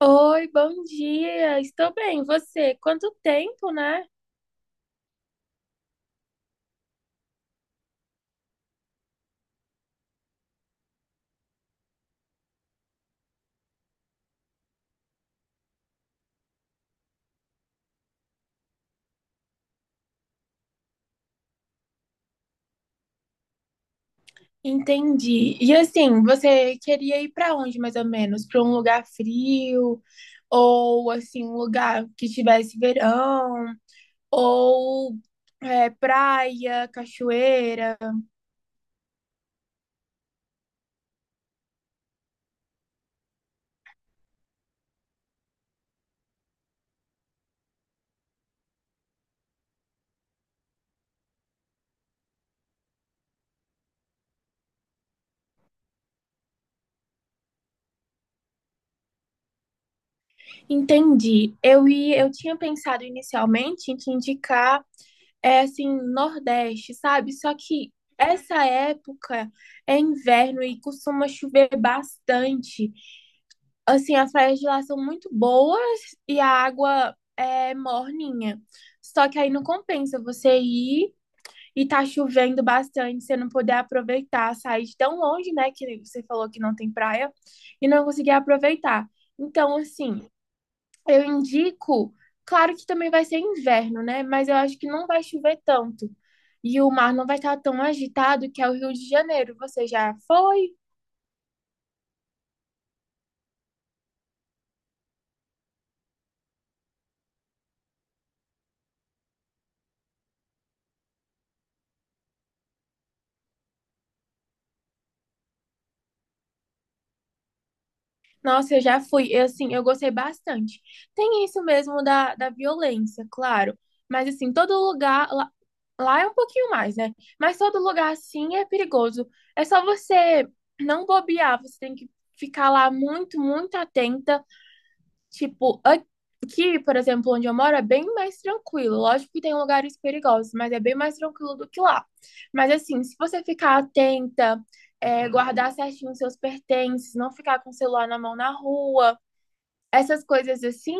Oi, bom dia. Estou bem. Você? Quanto tempo, né? Entendi. E assim, você queria ir para onde mais ou menos? Para um lugar frio ou assim, um lugar que tivesse verão ou praia, cachoeira? Entendi. Eu tinha pensado inicialmente em te indicar é assim, Nordeste, sabe? Só que essa época é inverno e costuma chover bastante. Assim, as praias de lá são muito boas e a água é morninha. Só que aí não compensa você ir e tá chovendo bastante, você não poder aproveitar, sair de tão longe, né? Que você falou que não tem praia e não conseguir aproveitar. Então, assim, eu indico. Claro que também vai ser inverno, né? Mas eu acho que não vai chover tanto. E o mar não vai estar tão agitado que é o Rio de Janeiro. Você já foi? Nossa, eu já fui. Eu gostei bastante. Tem isso mesmo da violência, claro. Mas, assim, todo lugar. Lá é um pouquinho mais, né? Mas todo lugar, assim, é perigoso. É só você não bobear. Você tem que ficar lá muito, muito atenta. Tipo, aqui, por exemplo, onde eu moro, é bem mais tranquilo. Lógico que tem lugares perigosos, mas é bem mais tranquilo do que lá. Mas, assim, se você ficar atenta. Guardar certinho os seus pertences, não ficar com o celular na mão na rua, essas coisas assim,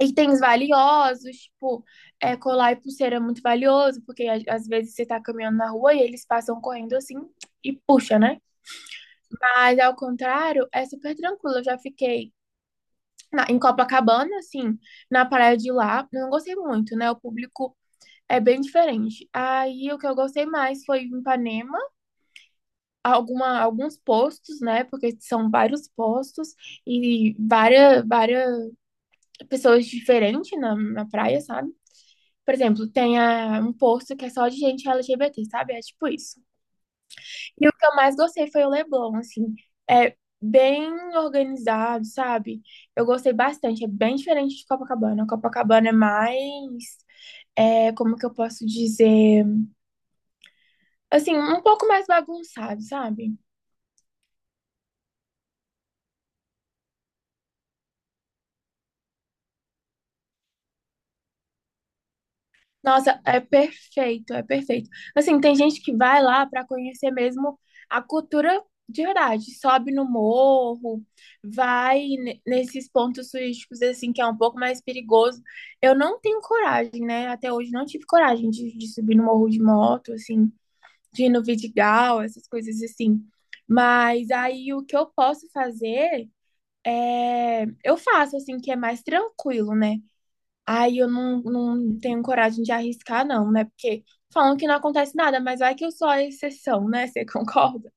itens valiosos, tipo, colar e pulseira é muito valioso, porque às vezes você tá caminhando na rua e eles passam correndo assim e puxa, né? Mas ao contrário, é super tranquilo. Eu já fiquei em Copacabana, assim, na praia de lá. Eu não gostei muito, né? O público é bem diferente. Aí o que eu gostei mais foi em Ipanema, alguns postos, né? Porque são vários postos e várias pessoas diferentes na praia, sabe? Por exemplo, tem um posto que é só de gente LGBT, sabe? É tipo isso. E o que eu mais gostei foi o Leblon, assim. É bem organizado, sabe? Eu gostei bastante. É bem diferente de Copacabana. Copacabana é mais. É, como que eu posso dizer? Assim, um pouco mais bagunçado, sabe? Nossa, é perfeito, é perfeito. Assim, tem gente que vai lá para conhecer mesmo a cultura de verdade. Sobe no morro, vai nesses pontos turísticos, assim, que é um pouco mais perigoso. Eu não tenho coragem, né? Até hoje não tive coragem de subir no morro de moto, assim, de ir no Vidigal, essas coisas assim. Mas aí o que eu posso fazer é. Eu faço, assim, que é mais tranquilo, né? Aí eu não, não tenho coragem de arriscar, não, né? Porque falam que não acontece nada, mas vai que eu sou a exceção, né? Você concorda?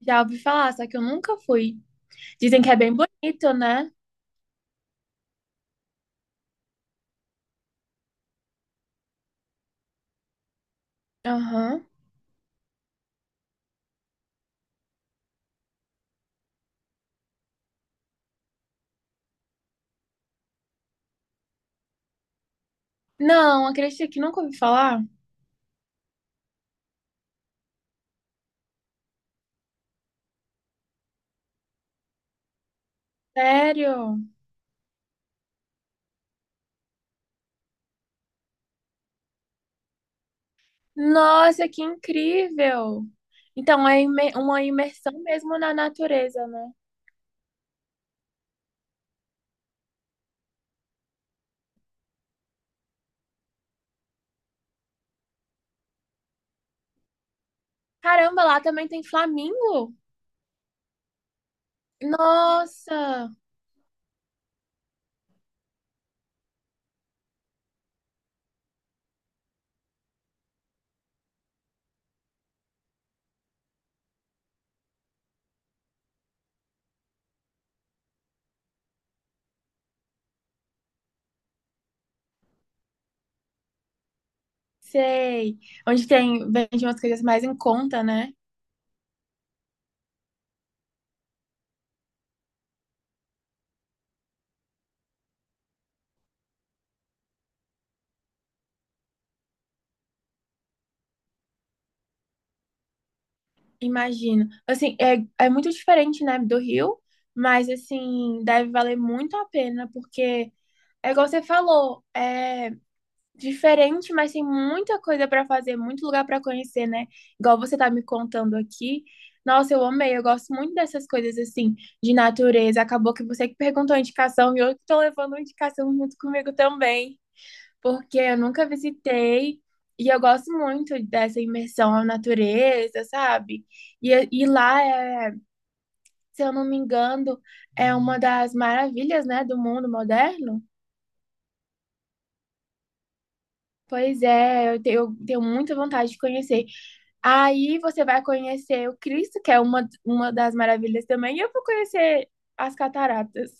Já ouvi falar, só que eu nunca fui. Dizem que é bem bonito, né? Aham. Não, acredita que nunca ouvi falar? Sério? Nossa, que incrível! Então, uma imersão mesmo na natureza, né? Caramba, lá também tem flamingo? Nossa! Sei. Onde tem, vende umas coisas mais em conta, né? Imagino. Assim, é muito diferente, né, do Rio, mas, assim, deve valer muito a pena, porque é igual você falou, é diferente, mas tem muita coisa para fazer, muito lugar para conhecer, né? Igual você tá me contando aqui. Nossa, eu amei, eu gosto muito dessas coisas, assim, de natureza. Acabou que você que perguntou a indicação e eu que tô levando a indicação junto comigo também porque eu nunca visitei e eu gosto muito dessa imersão à natureza, sabe? E, e lá, se eu não me engano, é uma das maravilhas, né, do mundo moderno. Pois é, eu tenho muita vontade de conhecer. Aí você vai conhecer o Cristo, que é uma das maravilhas também, e eu vou conhecer as cataratas.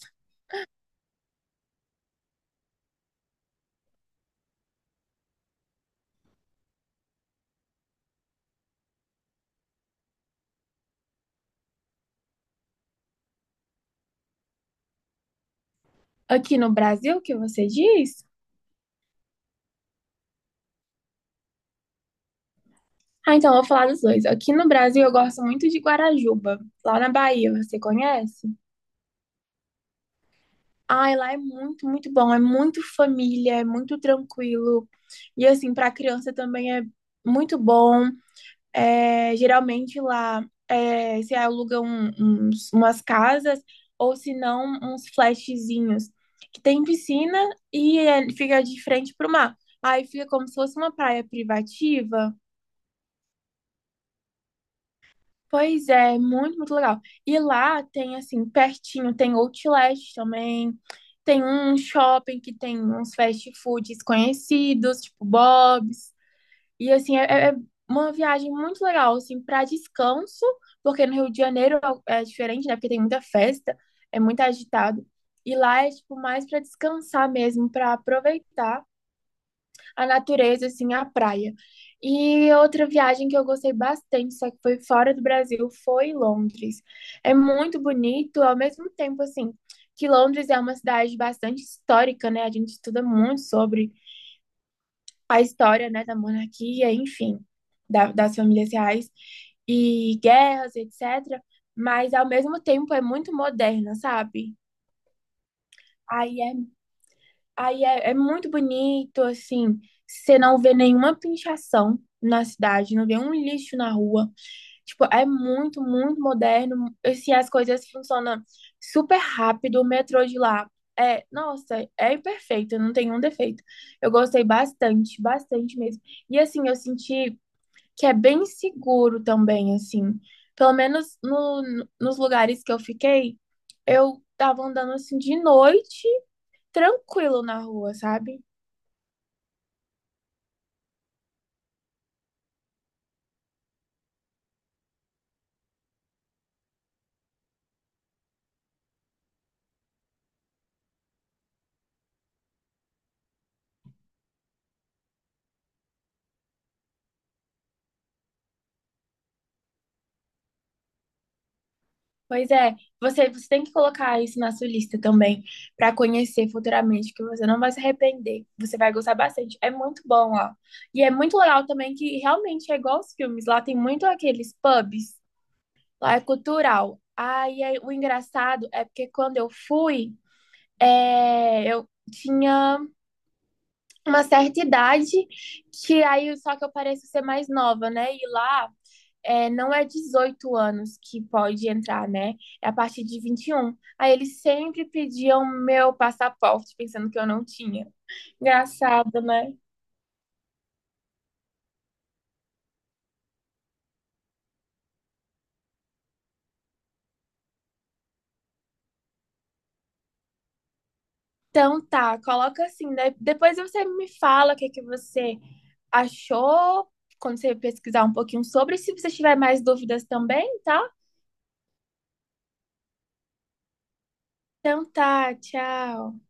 Aqui no Brasil, que você diz? Ah, então eu vou falar dos dois. Aqui no Brasil eu gosto muito de Guarajuba, lá na Bahia, você conhece? Ai, lá é muito, muito bom. É muito família, é muito tranquilo. E assim, para criança também é muito bom. É, geralmente lá é, se aluga umas casas ou se não uns flatzinhos que tem piscina e é, fica de frente para o mar. Aí fica como se fosse uma praia privativa. Pois é, muito, muito legal. E lá tem, assim, pertinho, tem Outlet também, tem um shopping que tem uns fast foods conhecidos, tipo Bob's. E, assim, é uma viagem muito legal, assim, para descanso, porque no Rio de Janeiro é diferente, né? Porque tem muita festa, é muito agitado. E lá é, tipo, mais para descansar mesmo, para aproveitar a natureza, assim, a praia. E outra viagem que eu gostei bastante, só que foi fora do Brasil, foi Londres. É muito bonito, ao mesmo tempo, assim, que Londres é uma cidade bastante histórica, né? A gente estuda muito sobre a história, né, da monarquia, enfim, das famílias reais e guerras, etc. Mas, ao mesmo tempo, é muito moderna, sabe? Aí é Aí é muito bonito, assim, você não vê nenhuma pinchação na cidade, não vê um lixo na rua. Tipo, é muito, muito moderno. Assim, as coisas funcionam super rápido, o metrô de lá. É, nossa, é perfeito, não tem um defeito. Eu gostei bastante, bastante mesmo. E assim, eu senti que é bem seguro também, assim. Pelo menos nos lugares que eu fiquei, eu tava andando assim de noite, tranquilo na rua, sabe? Pois é, você tem que colocar isso na sua lista também, para conhecer futuramente, que você não vai se arrepender. Você vai gostar bastante. É muito bom lá. E é muito legal também que realmente é igual os filmes. Lá tem muito aqueles pubs, lá é cultural. Aí, o engraçado é porque quando eu fui, eu tinha uma certa idade, que aí só que eu pareço ser mais nova, né? E lá não é 18 anos que pode entrar, né? É a partir de 21. Aí eles sempre pediam meu passaporte, pensando que eu não tinha. Engraçado, né? Então tá, coloca assim, né? Depois você me fala é que você achou, quando você pesquisar um pouquinho sobre, se você tiver mais dúvidas também, tá? Então tá, tchau.